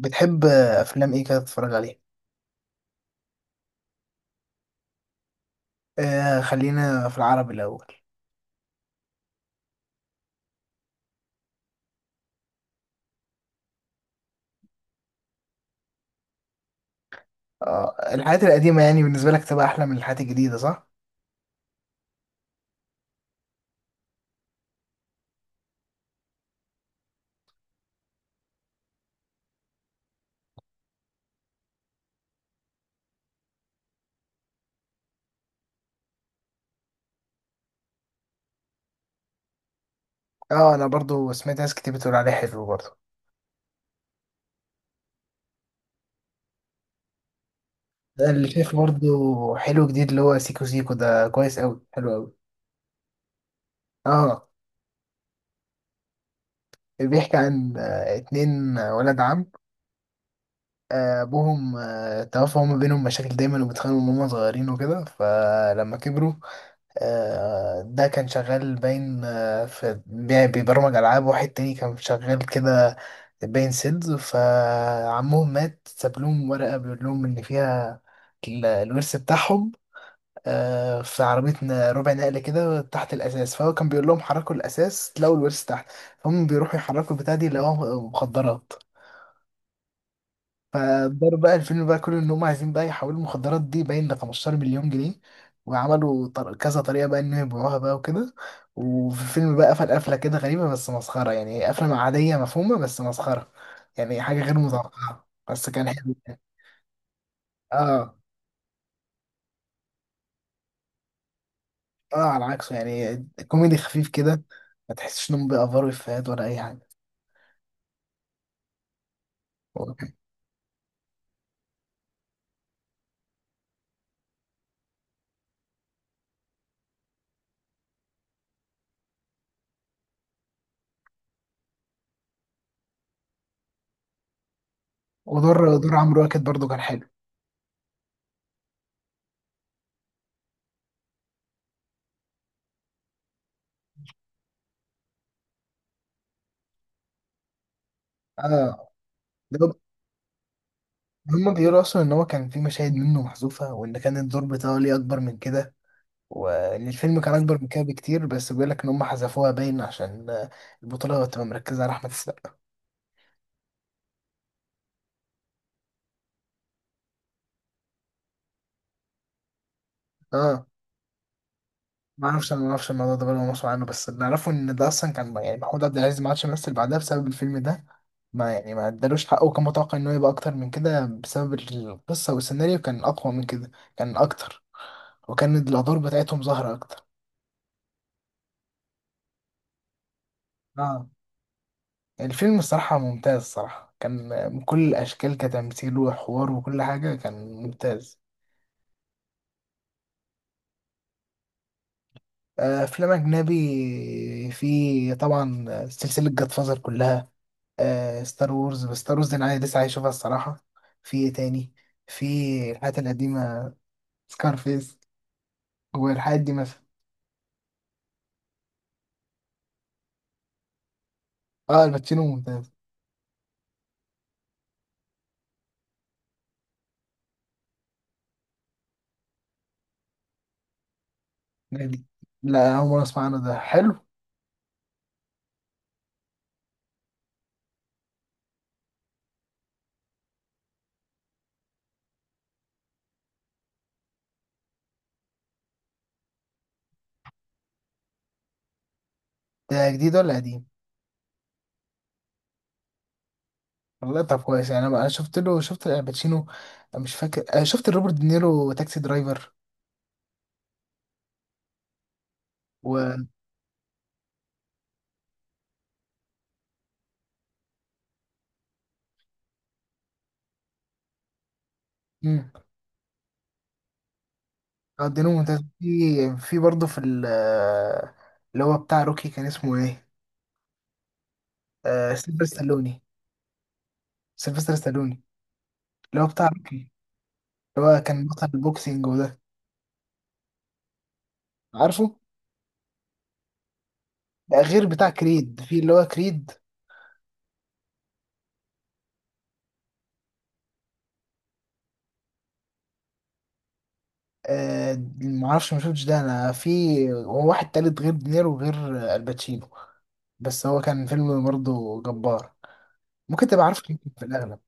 بتحب افلام ايه كده تتفرج عليها؟ آه، خلينا في العربي الاول. آه، الحاجات القديمه يعني بالنسبه لك تبقى احلى من الحاجات الجديده، صح؟ اه، انا برضو سمعت ناس كتير بتقول عليه حلو برضو. ده اللي شايف برضو حلو جديد، اللي هو سيكو سيكو، ده كويس قوي، حلو قوي. اه، بيحكي عن اتنين ولد عم. ابوهم توفى، وما بينهم مشاكل دايما وبيتخانقوا من هما صغيرين وكده، فلما كبروا ده كان شغال باين بيبرمج ألعاب، واحد تاني كان شغال كده باين سيلز. فعمهم مات ساب لهم ورقة بيقول لهم إن فيها الورث بتاعهم. في عربية ربع نقل كده تحت الأساس، فهو كان بيقول لهم حركوا الأساس تلاقوا الورث تحت. فهم بيروحوا يحركوا البتاع دي، لقوها مخدرات. فداروا بقى الفيلم بقى كله ان هم عايزين بقى يحولوا المخدرات دي باين ل 15 مليون جنيه، وعملوا كذا طريقه بقى انهم يبيعوها بقى وكده. وفي الفيلم بقى قفل قفله كده غريبه بس مسخره، يعني قفله عاديه مفهومه بس مسخره. يعني حاجه غير متوقعه بس كان حلو يعني. اه، اه، على عكسه يعني. كوميدي خفيف كده، ما تحسش انهم بيأفروا افيهات ولا اي حاجه. ودور عمرو واكد برضو كان حلو. اه، ده هما بيقولوا اصلا ان هو كان في مشاهد منه محذوفه، وان كان الدور بتاعه ليه اكبر من كده، والفيلم كان اكبر من كده بكتير، بس بيقول لك ان هم حذفوها باين عشان البطوله تبقى مركزه على احمد السقا. اه، ما اعرفش، انا ما اعرفش الموضوع ده بقى مسؤول عنه، بس اللي اعرفه ان ده اصلا كان يعني محمود عبد العزيز ما عادش يمثل بعدها بسبب الفيلم ده. ما ادالوش حقه، وكان متوقع انه يبقى اكتر من كده بسبب القصه، والسيناريو كان اقوى من كده، كان اكتر، وكان الادوار بتاعتهم ظاهره اكتر. اه، الفيلم الصراحه ممتاز، الصراحه كان من كل الاشكال كتمثيل وحوار وكل حاجه كان ممتاز. افلام اجنبي في طبعا. سلسله جاد فازر كلها، ستار وورز، بس ستار وورز انا عايز، لسه عايز اشوفها الصراحه. في ايه تاني؟ في الحاجات القديمه، سكارفيس والحاجات دي مثلا. اه، الباتشينو ممتاز. جديد. لا، اول مره اسمع عنه، ده حلو. ده جديد ولا قديم؟ والله طب كويس يعني، انا شفت له، شفت الباتشينو، مش فاكر، شفت روبرت دينيرو تاكسي درايفر. و مم. اه، الدين الممتاز، في في برضه، في اللي هو بتاع روكي، كان اسمه ايه؟ سيلفستر ستالوني. سيلفستر ستالوني، اللي هو بتاع روكي، اللي هو كان بطل البوكسينج وده. عارفه؟ لا، غير بتاع كريد، في اللي هو كريد. معرفش، ما شفتش ده، انا في هو واحد تالت غير دينيرو وغير الباتشينو. بس هو كان فيلم برضه جبار، ممكن تبقى عارفه شكلا في الاغلب.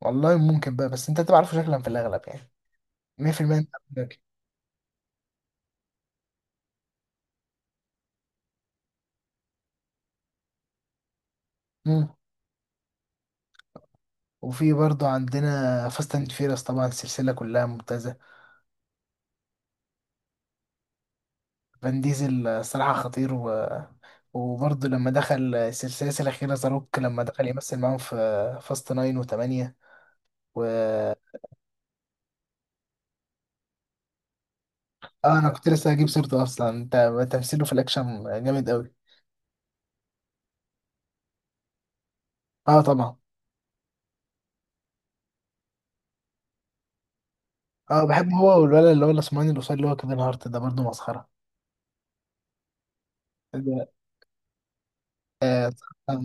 والله ممكن بقى، بس انت تبقى عارفه شكلا في الاغلب يعني. 100% انت عارفه شكلاً. مم. وفي برضه عندنا فاست اند فيرس، طبعا السلسلة كلها ممتازة. فان ديزل صراحة خطير، و وبرضه لما دخل السلسلة الأخيرة زاروك لما دخل يمثل معاهم في فاست ناين وتمانية. و اه، أنا كنت لسه هجيب سيرته أصلا، انت تمثيله في الأكشن جامد أوي. اه، طبعا. اه، بحب هو والولد اللي هو الأسمراني القصير اللي هو كيفن هارت ده برضه مسخرة. ده- آه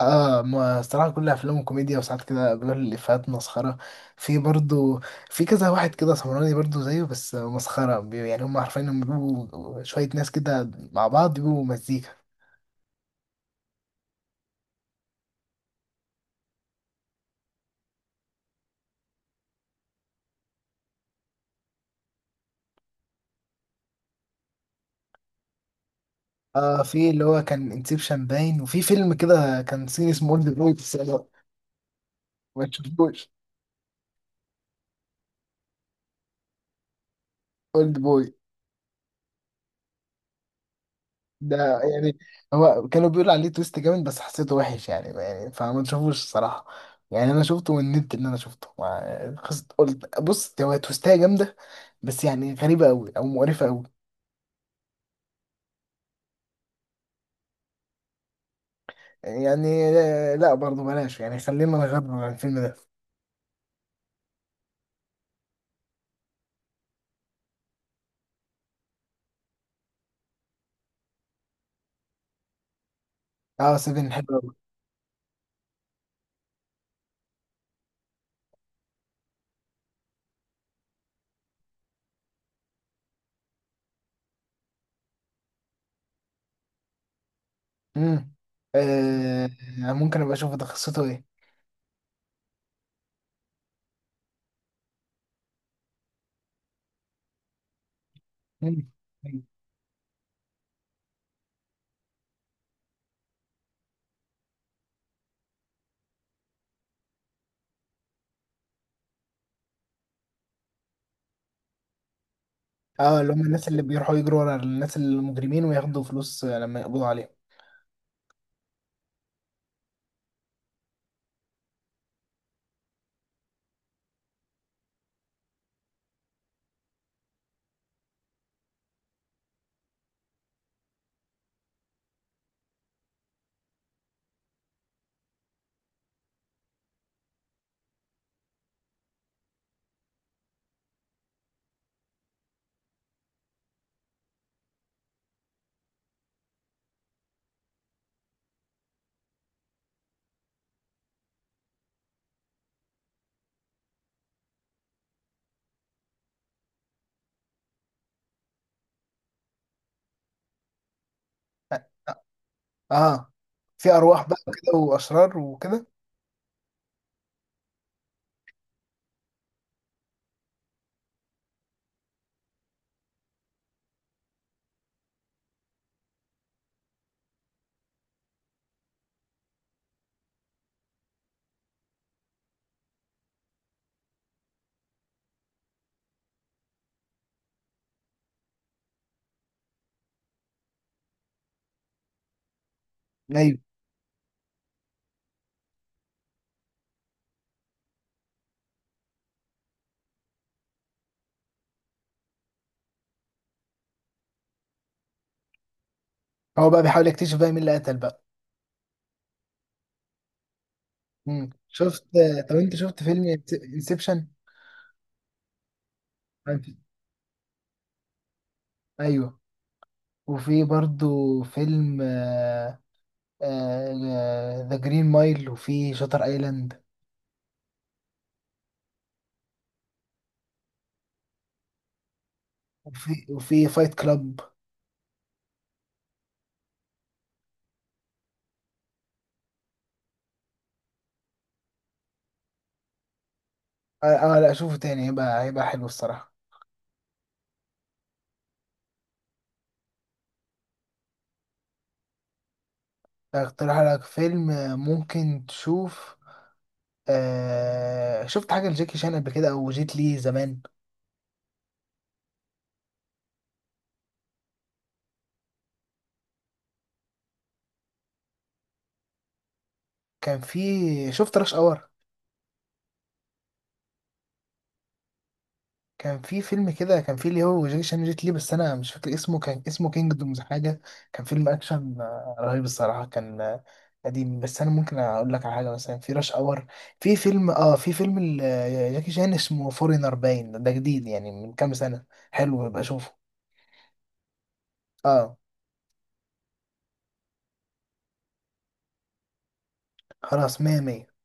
اه، ما الصراحة كل افلامه كوميديا، وساعات كده بيقول الافيهات مسخرة. في برضو، في كذا واحد كده سمراني برضو زيه بس مسخرة، يعني هم عارفين انهم بيبقوا شوية ناس كده مع بعض بيبقوا مزيكا. اه، في اللي هو كان انسبشن باين، وفي فيلم كده كان صيني اسمه اولد بوي، بس أنا ما تشوفوش. اولد بوي ده يعني هو كانوا بيقولوا عليه تويست جامد، بس حسيته وحش يعني، فما تشوفوش الصراحة. يعني انا شفته من النت، ان انا شفته خست قلت بص هو تويستاية جامدة، بس يعني غريبة قوي او مقرفة قوي. يعني، لا برضه بلاش يعني، خلينا نغير عن الفيلم ده. اه، سيفن حلو قوي. امم آه ممكن ابقى اشوف ده قصته ايه؟ مم. اه، اللي هم الناس اللي بيروحوا يجروا ورا الناس المجرمين، وياخدوا فلوس لما يقبضوا عليهم. اه، في ارواح بقى وكده، واشرار وكده؟ ايوه، هو بقى بيحاول يكتشف بقى مين اللي قتل بقى. مم. شفت. طب انت شفت فيلم انسبشن؟ ايوه. وفي برضو فيلم ذا جرين مايل، وفي شاتر ايلاند. وفي فايت كلاب. اه، لا اشوفه تاني، هيبقى حلو الصراحة. اقترح لك فيلم ممكن تشوف. شفت حاجة لجاكي شان قبل كده، او جيت لي زمان؟ كان في، شفت رش اور. كان في فيلم كده كان فيه اللي هو جاكي جيت لي، بس انا مش فاكر اسمه، كان اسمه كينجدومز حاجه. كان فيلم اكشن رهيب الصراحه، كان قديم، بس انا ممكن اقول لك على حاجه، مثلا في راش اور. في فيلم جاكي شان اسمه فورينر باين، ده جديد يعني من كام سنه، حلو ببقى اشوفه. اه، خلاص، مية مية.